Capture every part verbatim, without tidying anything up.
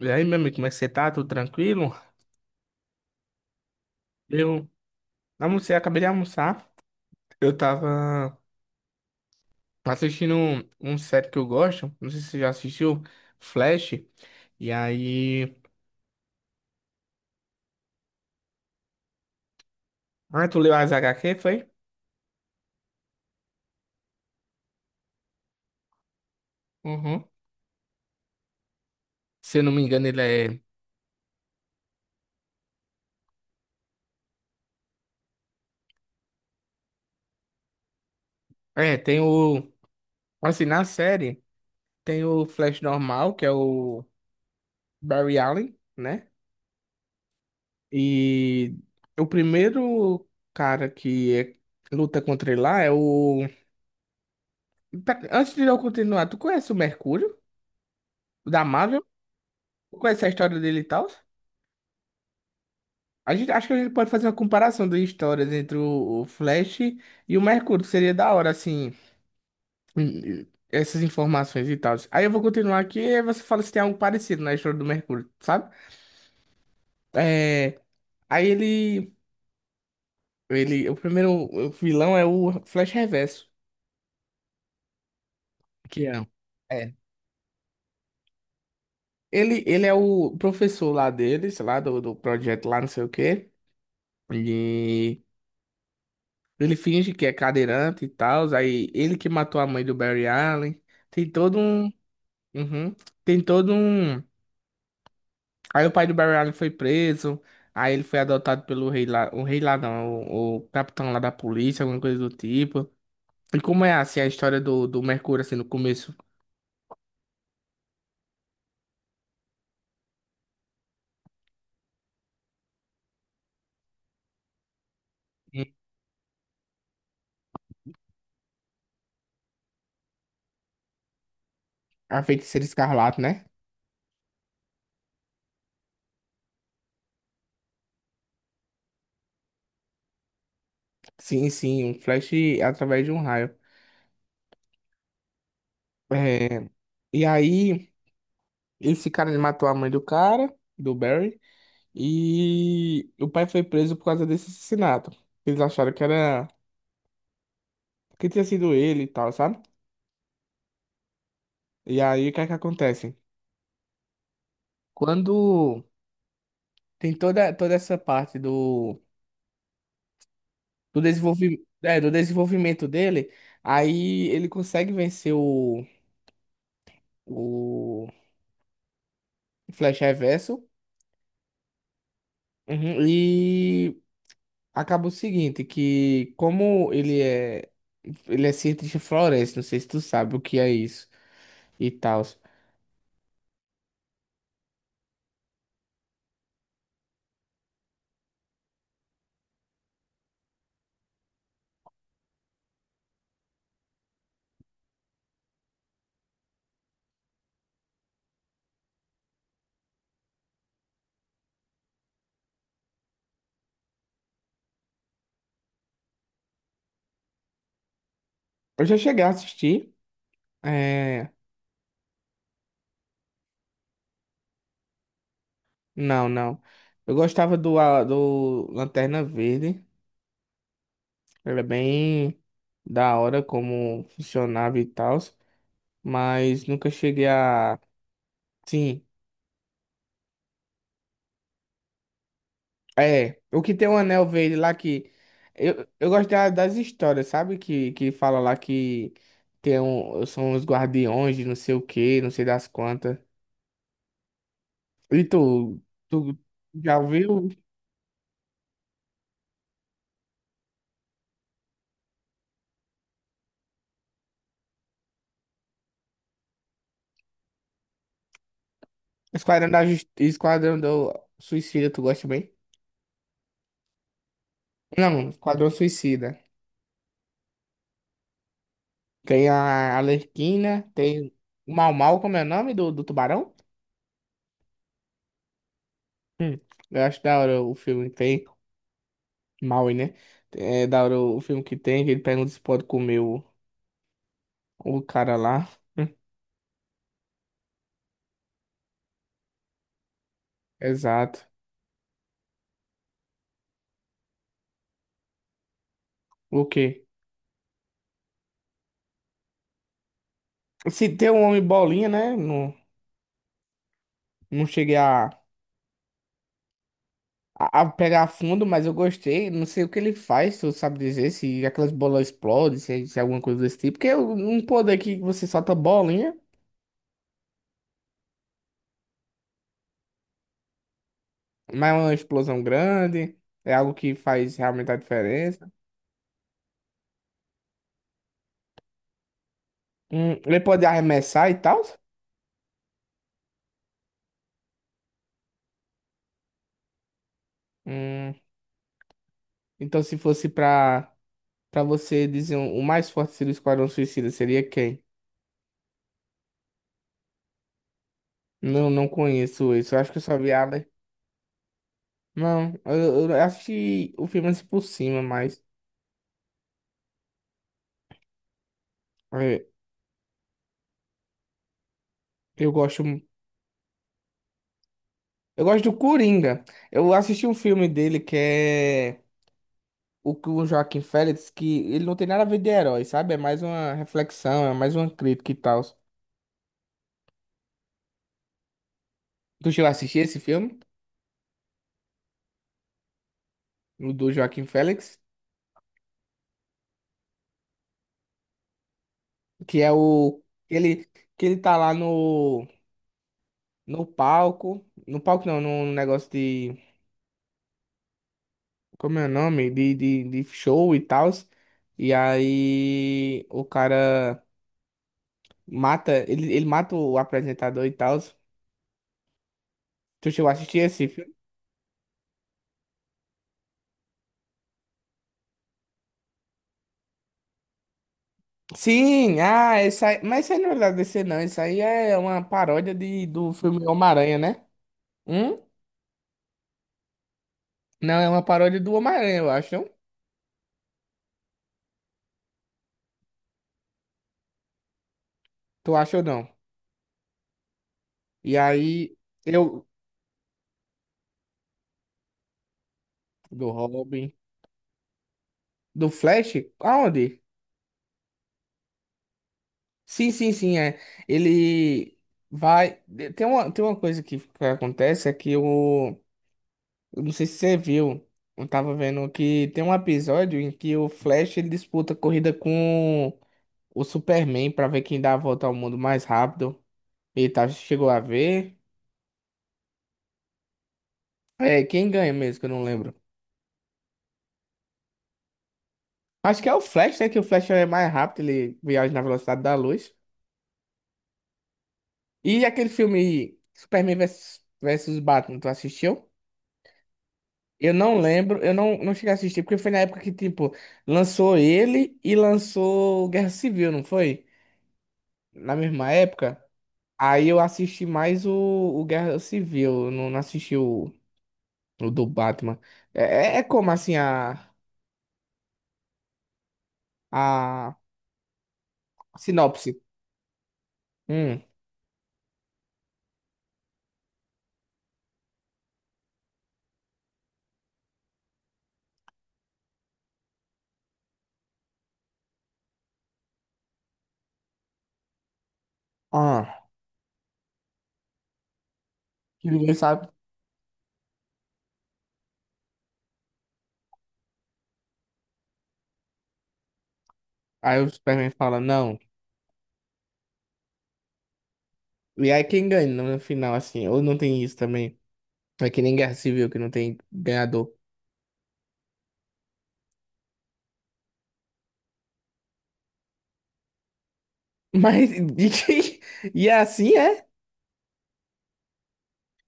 E aí, meu amigo, como é que você tá? Tudo tranquilo? Eu almocei, acabei de almoçar. Eu tava assistindo um, um série que eu gosto. Não sei se você já assistiu, Flash. E aí. Ah, tu leu as H HQ, foi? Uhum. Se eu não me engano, ele é. É, tem o. Assim, na série, tem o Flash normal, que é o Barry Allen, né? E o primeiro cara que é- luta contra ele lá é o. Tá, antes de eu continuar, tu conhece o Mercúrio? O da Marvel? Qual é essa história dele e tal? A gente, acho que a gente pode fazer uma comparação de histórias entre o, o Flash e o Mercúrio. Seria da hora, assim, hum, hum, essas informações e tal. Aí eu vou continuar aqui e você fala se tem algo parecido na história do Mercúrio, sabe? É, aí ele, ele. O primeiro vilão é o Flash Reverso. Que é. É. Ele, ele é o professor lá dele, sei lá, do, do projeto lá, não sei o quê. E ele finge que é cadeirante e tal, aí ele que matou a mãe do Barry Allen. Tem todo um. Uhum. Tem todo um. Aí o pai do Barry Allen foi preso, aí ele foi adotado pelo rei lá. O rei lá não, o, o capitão lá da polícia, alguma coisa do tipo. E como é assim a história do, do Mercúrio, assim, no começo? Hum. A feiticeira escarlate, né? Sim, sim, um flash através de um raio. É, e aí, esse cara ele matou a mãe do cara, do Barry. E o pai foi preso por causa desse assassinato. Eles acharam que era que tinha sido ele e tal, sabe? E aí o que é que acontece? Quando tem toda, toda essa parte do, do, desenvolvi... é, do desenvolvimento dele, aí ele consegue vencer o, o Flash Reverso. Uhum. E acaba o seguinte, que como ele é ele é cientista floresta, não sei se tu sabe o que é isso e tal. Eu já cheguei a assistir. É, não, não. Eu gostava do, a- do Lanterna Verde. Era bem da hora como funcionava e tal. Mas nunca cheguei a. Sim. É. O que tem um anel verde lá que. Eu, eu gosto da- das histórias, sabe? Que, que fala lá que tem um, são os guardiões de não sei o que, não sei das quantas. E tu, tu já ouviu? Esquadrão da Justi- Esquadrão do Suicida, tu gosta bem? Não, Esquadrão Suicida. Tem a Arlequina, tem o Mau Mau, como é o nome do, do tubarão? Hum, eu acho da hora o filme que tem. Maui, né? É da hora o filme que tem, que ele pergunta se pode comer o, o cara lá. Hum, exato. O quê? Se tem um homem bolinha, né? Não, não cheguei a, a, a pegar a fundo, mas eu gostei. Não sei o que ele faz, tu sabe dizer, se aquelas bolas explodem, se, se é alguma coisa desse tipo. Porque é um poder que você solta bolinha. Mas é uma explosão grande, é algo que faz realmente a diferença. Hum, ele pode arremessar e tal? Hum, então, se fosse pra, pra você dizer um- o mais forte do Esquadrão Suicida, seria quem? Não, não conheço isso. Eu acho que eu só vi a... le- Não, eu, eu assisti o filme assim por cima, mas é, eu gosto... Eu gosto do Coringa. Eu assisti um filme dele que é o que o Joaquim Félix, que ele não tem nada a ver de herói, sabe? É mais uma reflexão, é mais uma crítica e tal. Tu chegou a assistir esse filme? O do Joaquim Félix? Que é o. Ele, que ele tá lá no. No palco. No palco não, num negócio de. Como é o nome? De, de, de show e tal. E aí. O cara mata. Ele, ele mata o apresentador e tal. Tu chegou a assistir esse filme? Sim! Ah, esse aí, mas isso aí não é da D C, não. Isso aí é uma paródia de, do filme Homem-Aranha, né? Hum? Não, é uma paródia do Homem-Aranha, eu acho. Não? Tu acha ou não? E aí eu. Do Robin. Do Flash? Aonde? Sim, sim, sim, é. Ele vai. Tem uma, tem uma coisa que, que acontece é que o. Eu não sei se você viu. Eu tava vendo que tem um episódio em que o Flash ele disputa corrida com o Superman pra ver quem dá a volta ao mundo mais rápido. E tá, chegou a ver. É, quem ganha mesmo, que eu não lembro. Acho que é o Flash, né? Que o Flash é mais rápido, ele viaja na velocidade da luz. E aquele filme Superman versus, versus Batman, tu assistiu? Eu não lembro, eu não, não cheguei a assistir, porque foi na época que, tipo, lançou ele e lançou Guerra Civil, não foi? Na mesma época. Aí eu assisti mais o, o Guerra Civil, eu não, não assisti o, o do Batman. É, é- é como, assim, a, a sinopse. Hum, ah, que ninguém sabe. Aí o Superman fala, não. E aí quem ganha no final, assim, ou não tem isso também? É que nem Guerra Civil, que não tem ganhador. Mas de quem? E é assim é?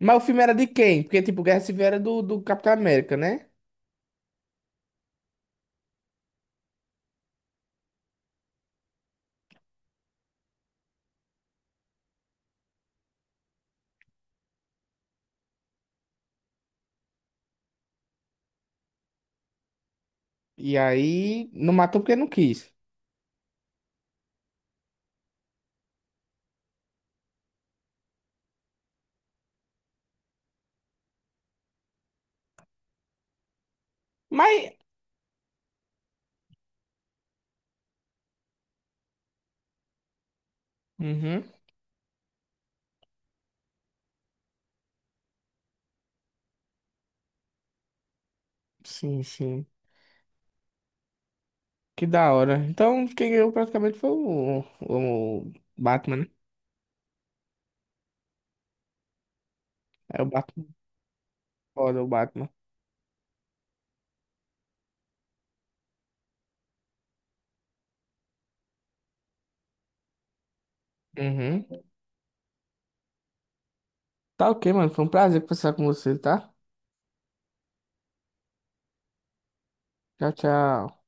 Mas o filme era de quem? Porque, tipo, Guerra Civil era do, do Capitão América, né? E aí não matou porque não quis. Mas. Uhum. Sim, sim. Que da hora. Então, quem ganhou praticamente foi o, o Batman, né? É o Batman. Foda, o Batman. Uhum. Tá ok, mano. Foi um prazer conversar com você, tá? Tchau, tchau.